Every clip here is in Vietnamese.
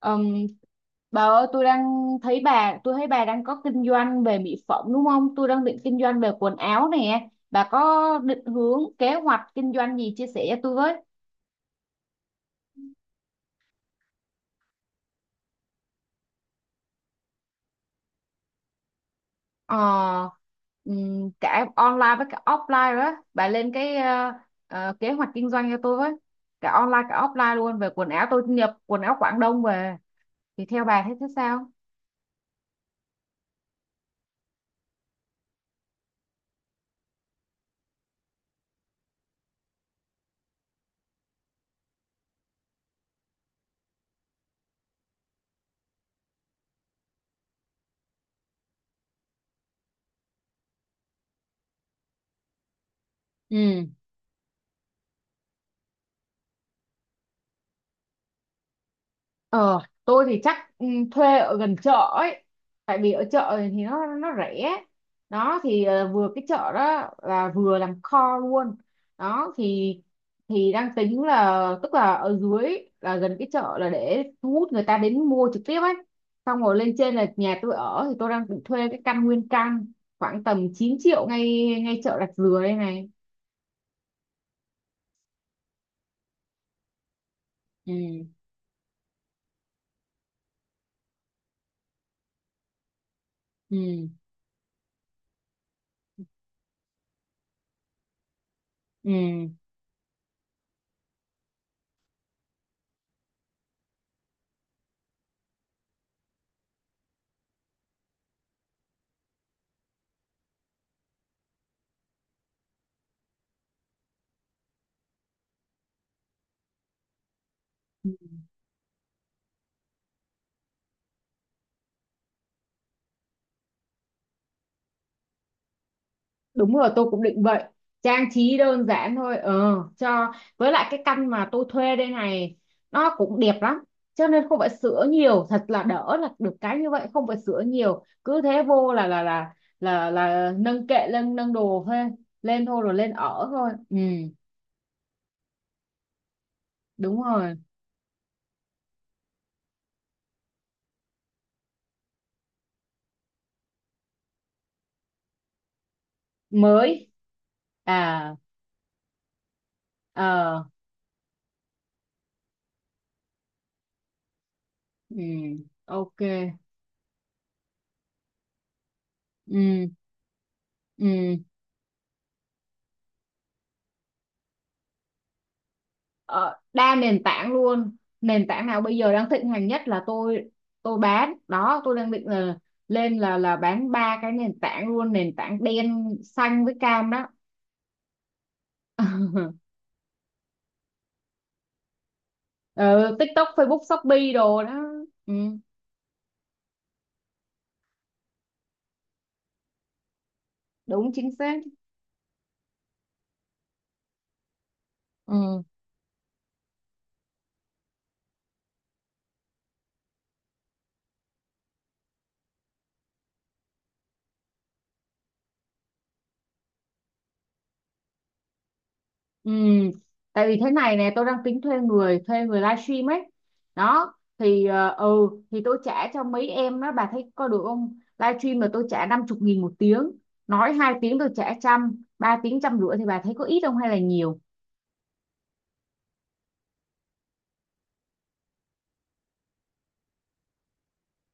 Ừm, bà ơi tôi đang thấy bà tôi thấy bà đang có kinh doanh về mỹ phẩm đúng không? Tôi đang định kinh doanh về quần áo nè. Bà có định hướng kế hoạch kinh doanh gì chia sẻ cho tôi với? Ờ, cả online với cả offline đó. Bà lên cái kế hoạch kinh doanh cho tôi với. Cả online cả offline luôn về quần áo tôi nhập quần áo Quảng Đông về thì theo bà thấy thế sao? Ừ. Ờ, tôi thì chắc thuê ở gần chợ ấy. Tại vì ở chợ thì nó rẻ. Đó thì vừa cái chợ đó là vừa làm kho luôn. Đó thì đang tính là tức là ở dưới là gần cái chợ là để thu hút người ta đến mua trực tiếp ấy. Xong rồi lên trên là nhà tôi ở thì tôi đang định thuê cái căn nguyên căn khoảng tầm 9 triệu ngay ngay chợ Rạch Dừa đây này. Ừ. Ừ. Ừ. Đúng rồi, tôi cũng định vậy. Trang trí đơn giản thôi. Ờ, cho với lại cái căn mà tôi thuê đây này nó cũng đẹp lắm. Cho nên không phải sửa nhiều, thật là đỡ là được cái như vậy, không phải sửa nhiều. Cứ thế vô là nâng kệ lên nâng đồ thôi, lên thôi rồi lên ở thôi. Ừ, đúng rồi. Mới. À. Ờ. Ừ. Ok. Ừ. Ừ. ờ, đa nền tảng luôn, nền tảng nào bây giờ đang thịnh hành nhất là tôi bán đó, tôi đang định là lên là bán ba cái nền tảng luôn, nền tảng đen xanh với cam đó. Ừ, TikTok Facebook Shopee đồ đó. Ừ, đúng chính xác. Ừ. Ừ, tại vì thế này nè tôi đang tính thuê người livestream ấy. Đó thì thì tôi trả cho mấy em đó, bà thấy có được không, livestream là tôi trả 50.000 một tiếng, nói 2 tiếng tôi trả trăm, 3 tiếng trăm rưỡi thì bà thấy có ít không hay là nhiều?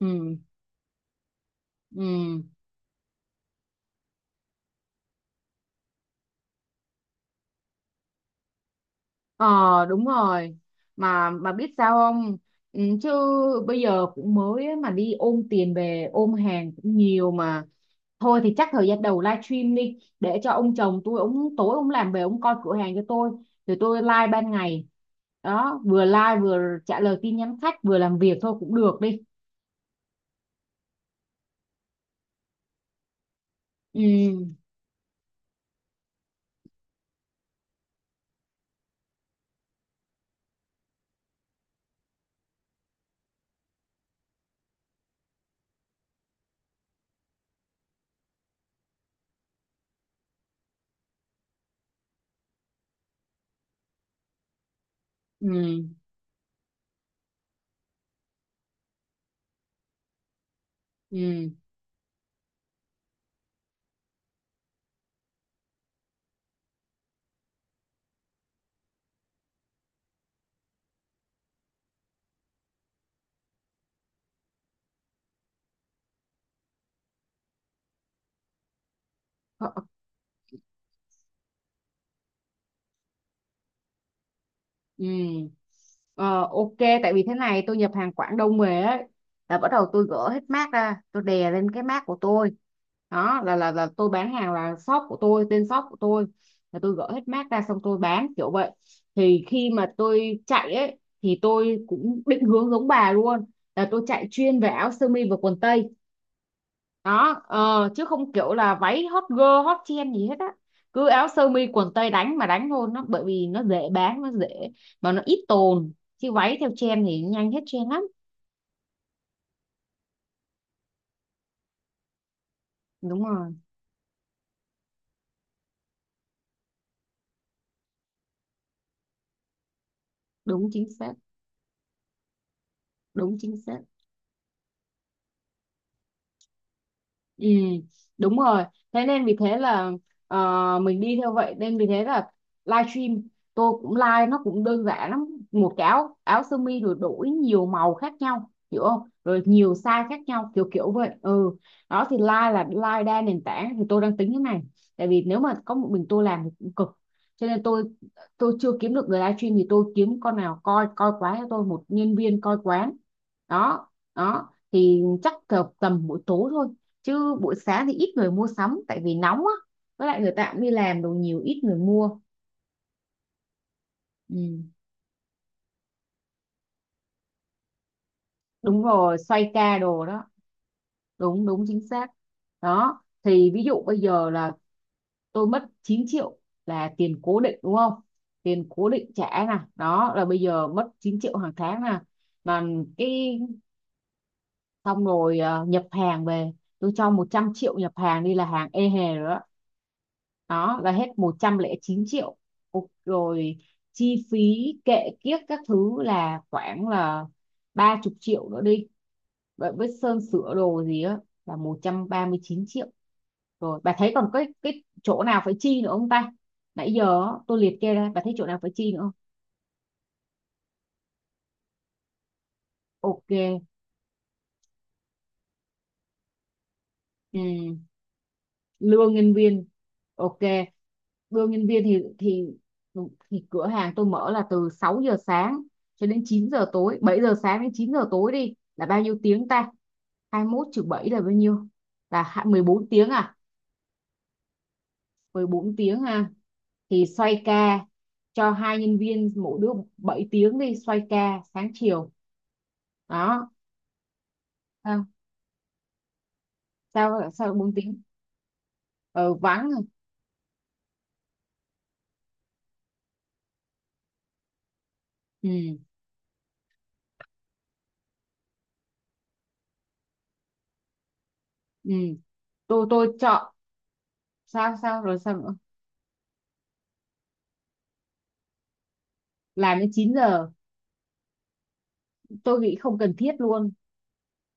Ừ. Ừ. Ờ, đúng rồi. Mà biết sao không? Chứ bây giờ cũng mới ấy, mà đi ôm tiền về ôm hàng cũng nhiều mà. Thôi thì chắc thời gian đầu livestream đi, để cho ông chồng tôi, ông tối ông làm về ông coi cửa hàng cho tôi, rồi tôi live ban ngày. Đó, vừa live vừa trả lời tin nhắn khách vừa làm việc thôi cũng được đi. Ừ. Ừ. Ừ. Ừ. Ờ, ok, tại vì thế này tôi nhập hàng Quảng Đông về ấy, là bắt đầu tôi gỡ hết mác ra tôi đè lên cái mác của tôi. Đó là tôi bán hàng là shop của tôi, tên shop của tôi là tôi gỡ hết mác ra xong tôi bán kiểu vậy. Thì khi mà tôi chạy ấy thì tôi cũng định hướng giống bà luôn là tôi chạy chuyên về áo sơ mi và quần tây. Đó, chứ không kiểu là váy hot girl hot trend gì hết á, cứ áo sơ mi quần tây đánh mà đánh thôi, nó bởi vì nó dễ bán nó dễ mà nó ít tồn, chứ váy theo trend thì nhanh hết trend lắm. Đúng rồi. Đúng chính xác. Đúng chính xác. Ừ, đúng rồi. Thế nên vì thế là ờ, mình đi theo vậy, nên vì thế là livestream tôi cũng live nó cũng đơn giản lắm. Một cái áo áo sơ mi rồi đổi nhiều màu khác nhau, hiểu không? Rồi nhiều size khác nhau kiểu kiểu vậy. Ừ. Đó thì live là live đa nền tảng thì tôi đang tính thế này. Tại vì nếu mà có một mình tôi làm thì cũng cực. Cho nên tôi chưa kiếm được người livestream thì tôi kiếm con nào coi coi quán cho tôi, một nhân viên coi quán. Đó, đó thì chắc tầm tầm buổi tối thôi, chứ buổi sáng thì ít người mua sắm tại vì nóng á, với lại người ta cũng đi làm đồ nhiều ít người mua. Ừ. Đúng rồi, xoay ca đồ đó. Đúng, đúng chính xác. Đó thì ví dụ bây giờ là tôi mất 9 triệu là tiền cố định đúng không, tiền cố định trả nè, đó là bây giờ mất 9 triệu hàng tháng nè, mà cái, xong rồi nhập hàng về tôi cho 100 triệu nhập hàng đi là hàng ê hề rồi, đó đó là hết 109 triệu. Rồi chi phí kệ kiếp các thứ là khoảng là 30 triệu nữa đi, vậy với sơn sửa đồ gì á, là 139 triệu. Rồi bà thấy còn cái chỗ nào phải chi nữa không ta, nãy giờ á, tôi liệt kê ra bà thấy chỗ nào phải chi nữa không? Ok. Ừ. Lương nhân viên, ok. Đưa nhân viên thì cửa hàng tôi mở là từ 6 giờ sáng cho đến 9 giờ tối, 7 giờ sáng đến 9 giờ tối đi là bao nhiêu tiếng ta? 21 trừ 7 là bao nhiêu? Là 14 tiếng à? 14 tiếng ha, thì xoay ca cho hai nhân viên, mỗi đứa 7 tiếng đi, xoay ca sáng chiều. Đó. Sao sao sao 4 tiếng? Ờ vắng rồi. Ừ. Ừ, tôi chọn. Sao sao rồi sao nữa? Làm đến 9 giờ. Tôi nghĩ không cần thiết luôn.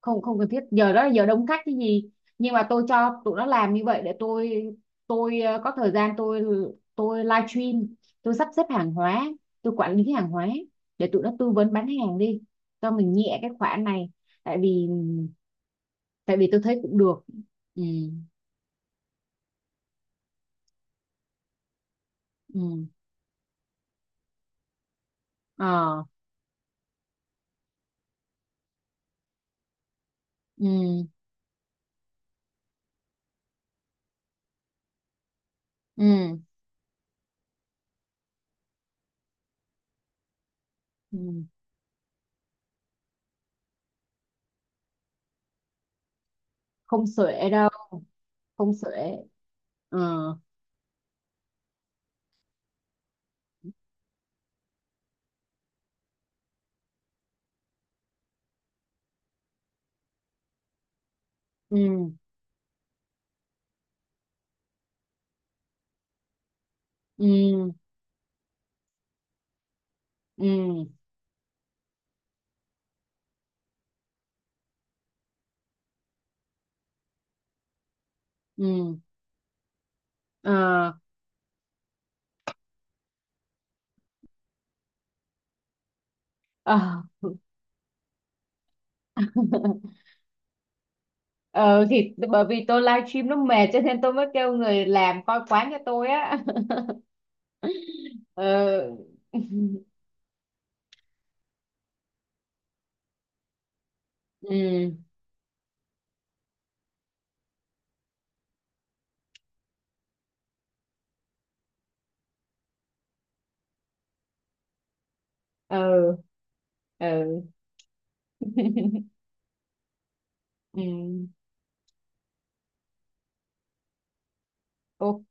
Không, không cần thiết, giờ đó là giờ đông khách cái gì? Nhưng mà tôi cho tụi nó làm như vậy để tôi có thời gian tôi live stream, tôi sắp xếp hàng hóa, tôi quản lý hàng hóa, để tụi nó tư vấn bán hàng đi, cho mình nhẹ cái khoản này. Tại vì tại vì tôi thấy cũng được. Ừ. Ừ. Ờ. Ừ. Ừ, ừ. Không xuể đâu. Không xuể. Ờ. Ừ. Ừ. Ừ. Ừ. Ờ. Ờ. Ờ thì bởi vì tôi livestream nó mệt cho nên tôi mới kêu người làm coi quán cho tôi á. Ờ. Ừ. Ừ. Ừ. Ừ. Ok,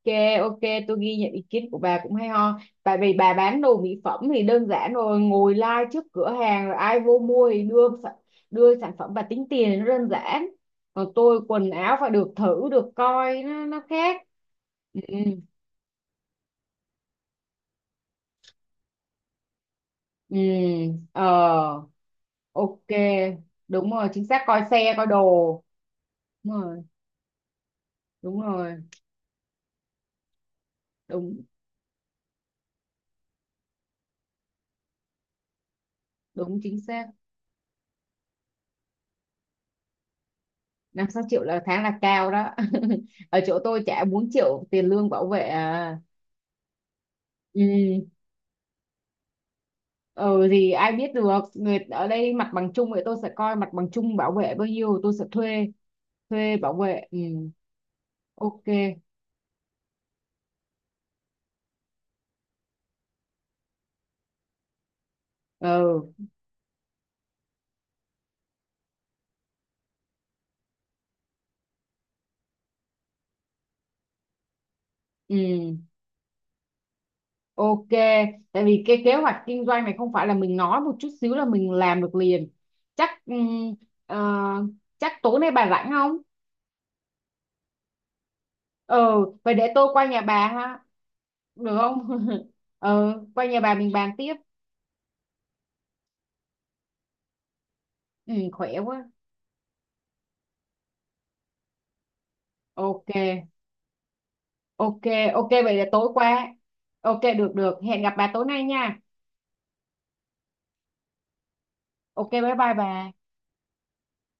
ok, tôi ghi nhận ý kiến của bà cũng hay ho. Tại vì bà bán đồ mỹ phẩm thì đơn giản rồi, ngồi live trước cửa hàng rồi ai vô mua thì đưa đưa sản phẩm và tính tiền nó đơn giản. Còn tôi quần áo phải được thử, được coi nó khác. Ừ. Ừ. Ừ, ờ. Ok, đúng rồi chính xác, coi xe coi đồ. Đúng rồi. Đúng rồi. Đúng, đúng chính xác. 5-6 triệu là tháng là cao đó. Ở chỗ tôi trả 4 triệu tiền lương bảo vệ à. Ừ. Ừ thì ai biết được, người ở đây mặt bằng chung vậy tôi sẽ coi mặt bằng chung bảo vệ bao nhiêu tôi sẽ thuê, thuê bảo vệ. Ừ. Ok. Ừ. Ừ. Ok, tại vì cái kế hoạch kinh doanh này không phải là mình nói một chút xíu là mình làm được liền. Chắc ờ, chắc tối nay bà rảnh không? Ừ, vậy để tôi qua nhà bà ha, được không? Ừ, qua nhà bà mình bàn tiếp. Ừ, khỏe quá. Ok, ok, ok vậy là tối qua. Ok, được được, hẹn gặp bà tối nay nha. Ok, bye bye bà.